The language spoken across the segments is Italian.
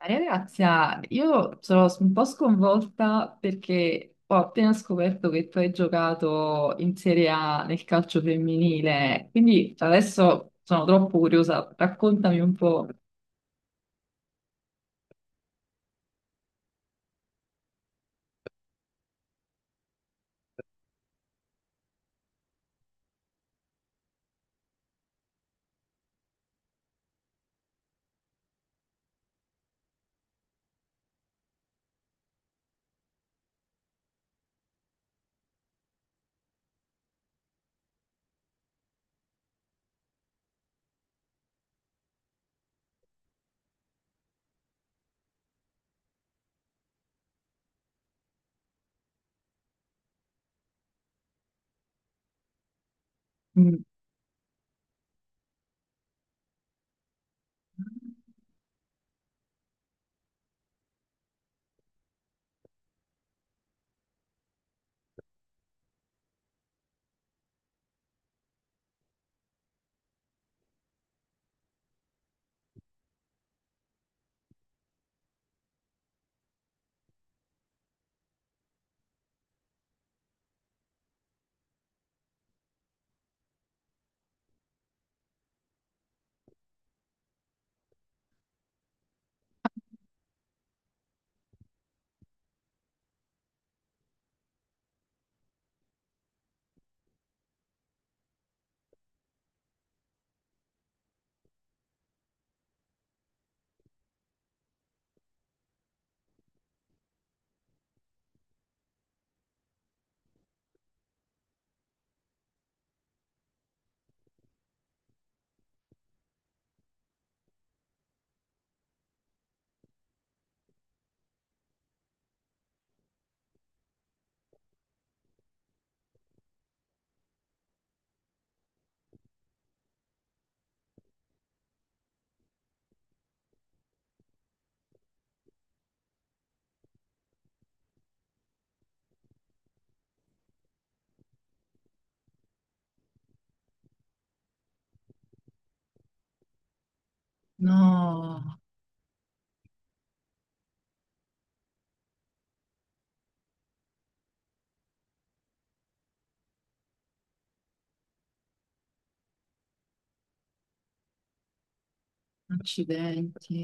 Maria Grazia, io sono un po' sconvolta perché ho appena scoperto che tu hai giocato in Serie A nel calcio femminile, quindi adesso sono troppo curiosa, raccontami un po'. Mm. No, accidenti.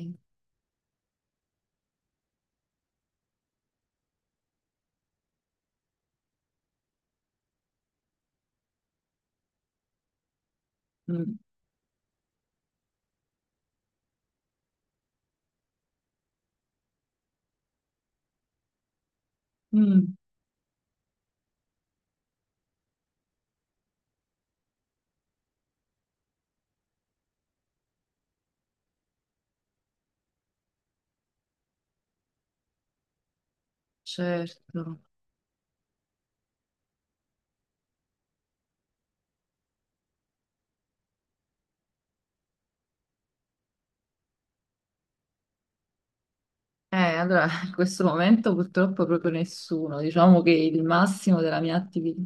Mm. Mm. Certo. In questo momento purtroppo proprio nessuno. Diciamo che il massimo della mia attività.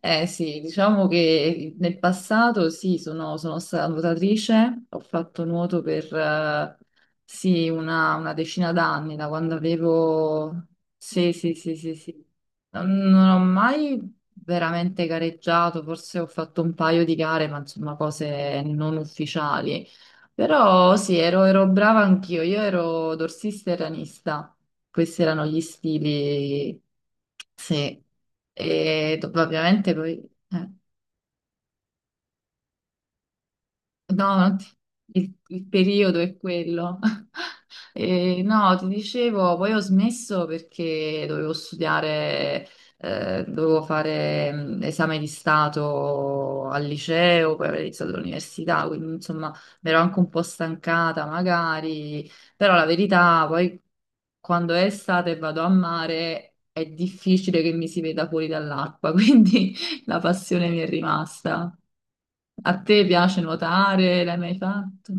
Eh sì, diciamo che nel passato sì, sono stata nuotatrice, ho fatto nuoto per sì, una decina d'anni, da quando avevo... Sì, sì, sì, sì, sì. Non ho mai veramente gareggiato, forse ho fatto un paio di gare, ma insomma cose non ufficiali. Però sì, ero brava anch'io, io ero dorsista e ranista, questi erano gli stili, sì, e ovviamente poi... eh. No, non ti- il periodo è quello. E no, ti dicevo, poi ho smesso perché dovevo studiare, dovevo fare esame di stato al liceo, poi avrei iniziato l'università, quindi insomma mi ero anche un po' stancata magari, però la verità, poi quando è estate e vado a mare è difficile che mi si veda fuori dall'acqua, quindi la passione mi è rimasta. A te piace nuotare? L'hai mai fatto?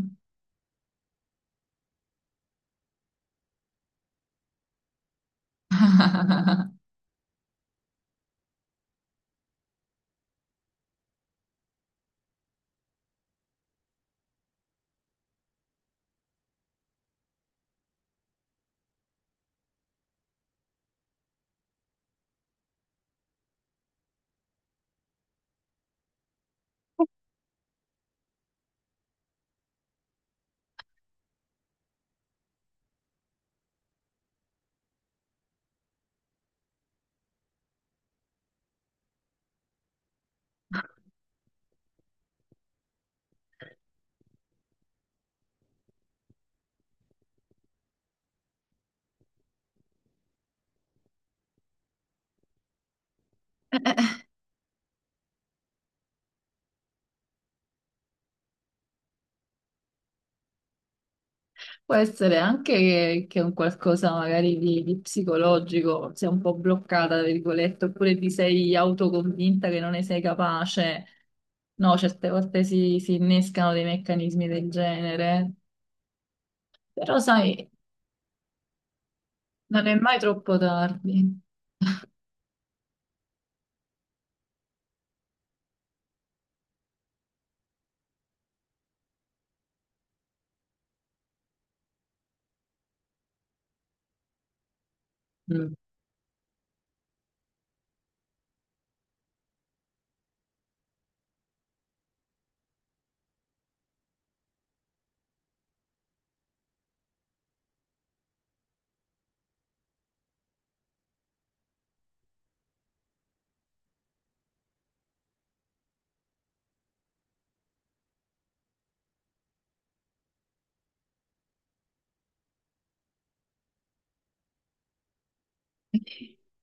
Può essere anche che un qualcosa magari di psicologico, sei un po' bloccata, tra virgolette, oppure ti sei autoconvinta che non ne sei capace. No, certe volte si innescano dei meccanismi del genere, però sai, non è mai troppo tardi. Mm.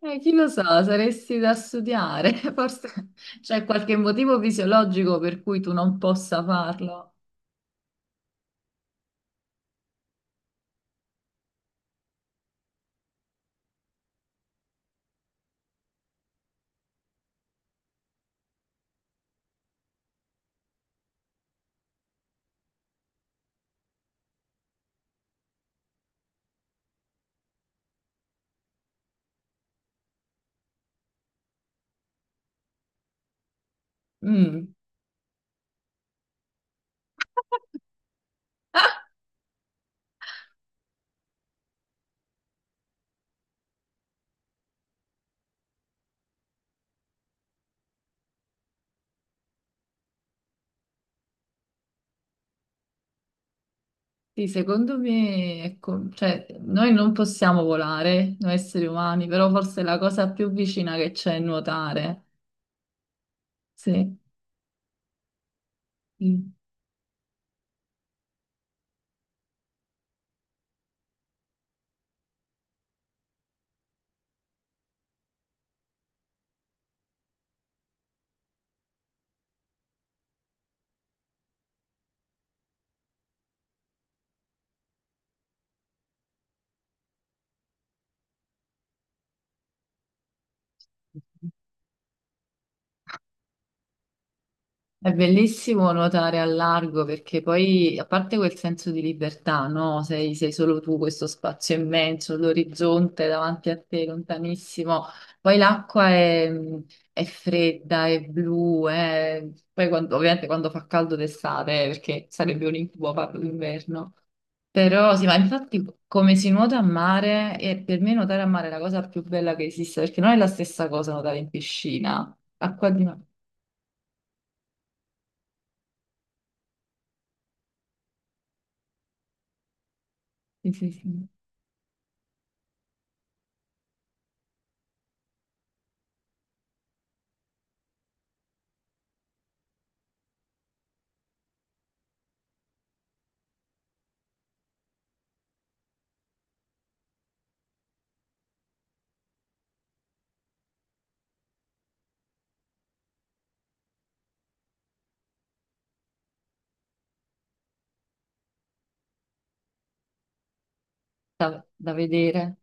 Chi lo sa, saresti da studiare, forse c'è qualche motivo fisiologico per cui tu non possa farlo. Mm. Sì, secondo me, ecco, cioè, noi non possiamo volare, noi esseri umani, però forse è la cosa più vicina che c'è è nuotare. Sì. Mm. È bellissimo nuotare al largo perché poi, a parte quel senso di libertà, no? Sei solo tu, questo spazio immenso, l'orizzonte davanti a te, lontanissimo. Poi è fredda, è blu, poi ovviamente quando fa caldo d'estate, perché sarebbe un incubo farlo d'inverno. Però sì, ma infatti come si nuota a mare, e per me nuotare a mare è la cosa più bella che esista, perché non è la stessa cosa nuotare in piscina, acqua di mare. Sì, sì, sì. Da, da vedere.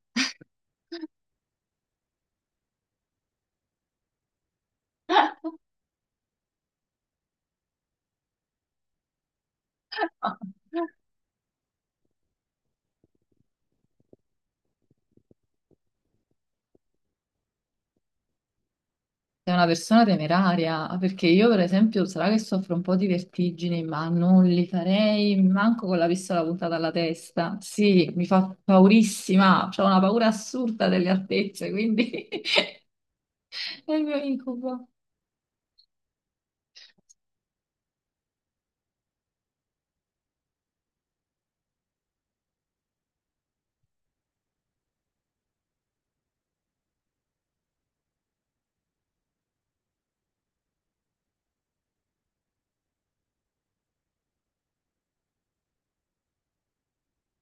Sei una persona temeraria, ah, perché io per esempio sarà che soffro un po' di vertigini, ma non li farei manco con la pistola puntata alla testa. Sì, mi fa paurissima, ho una paura assurda delle altezze, quindi è il mio incubo.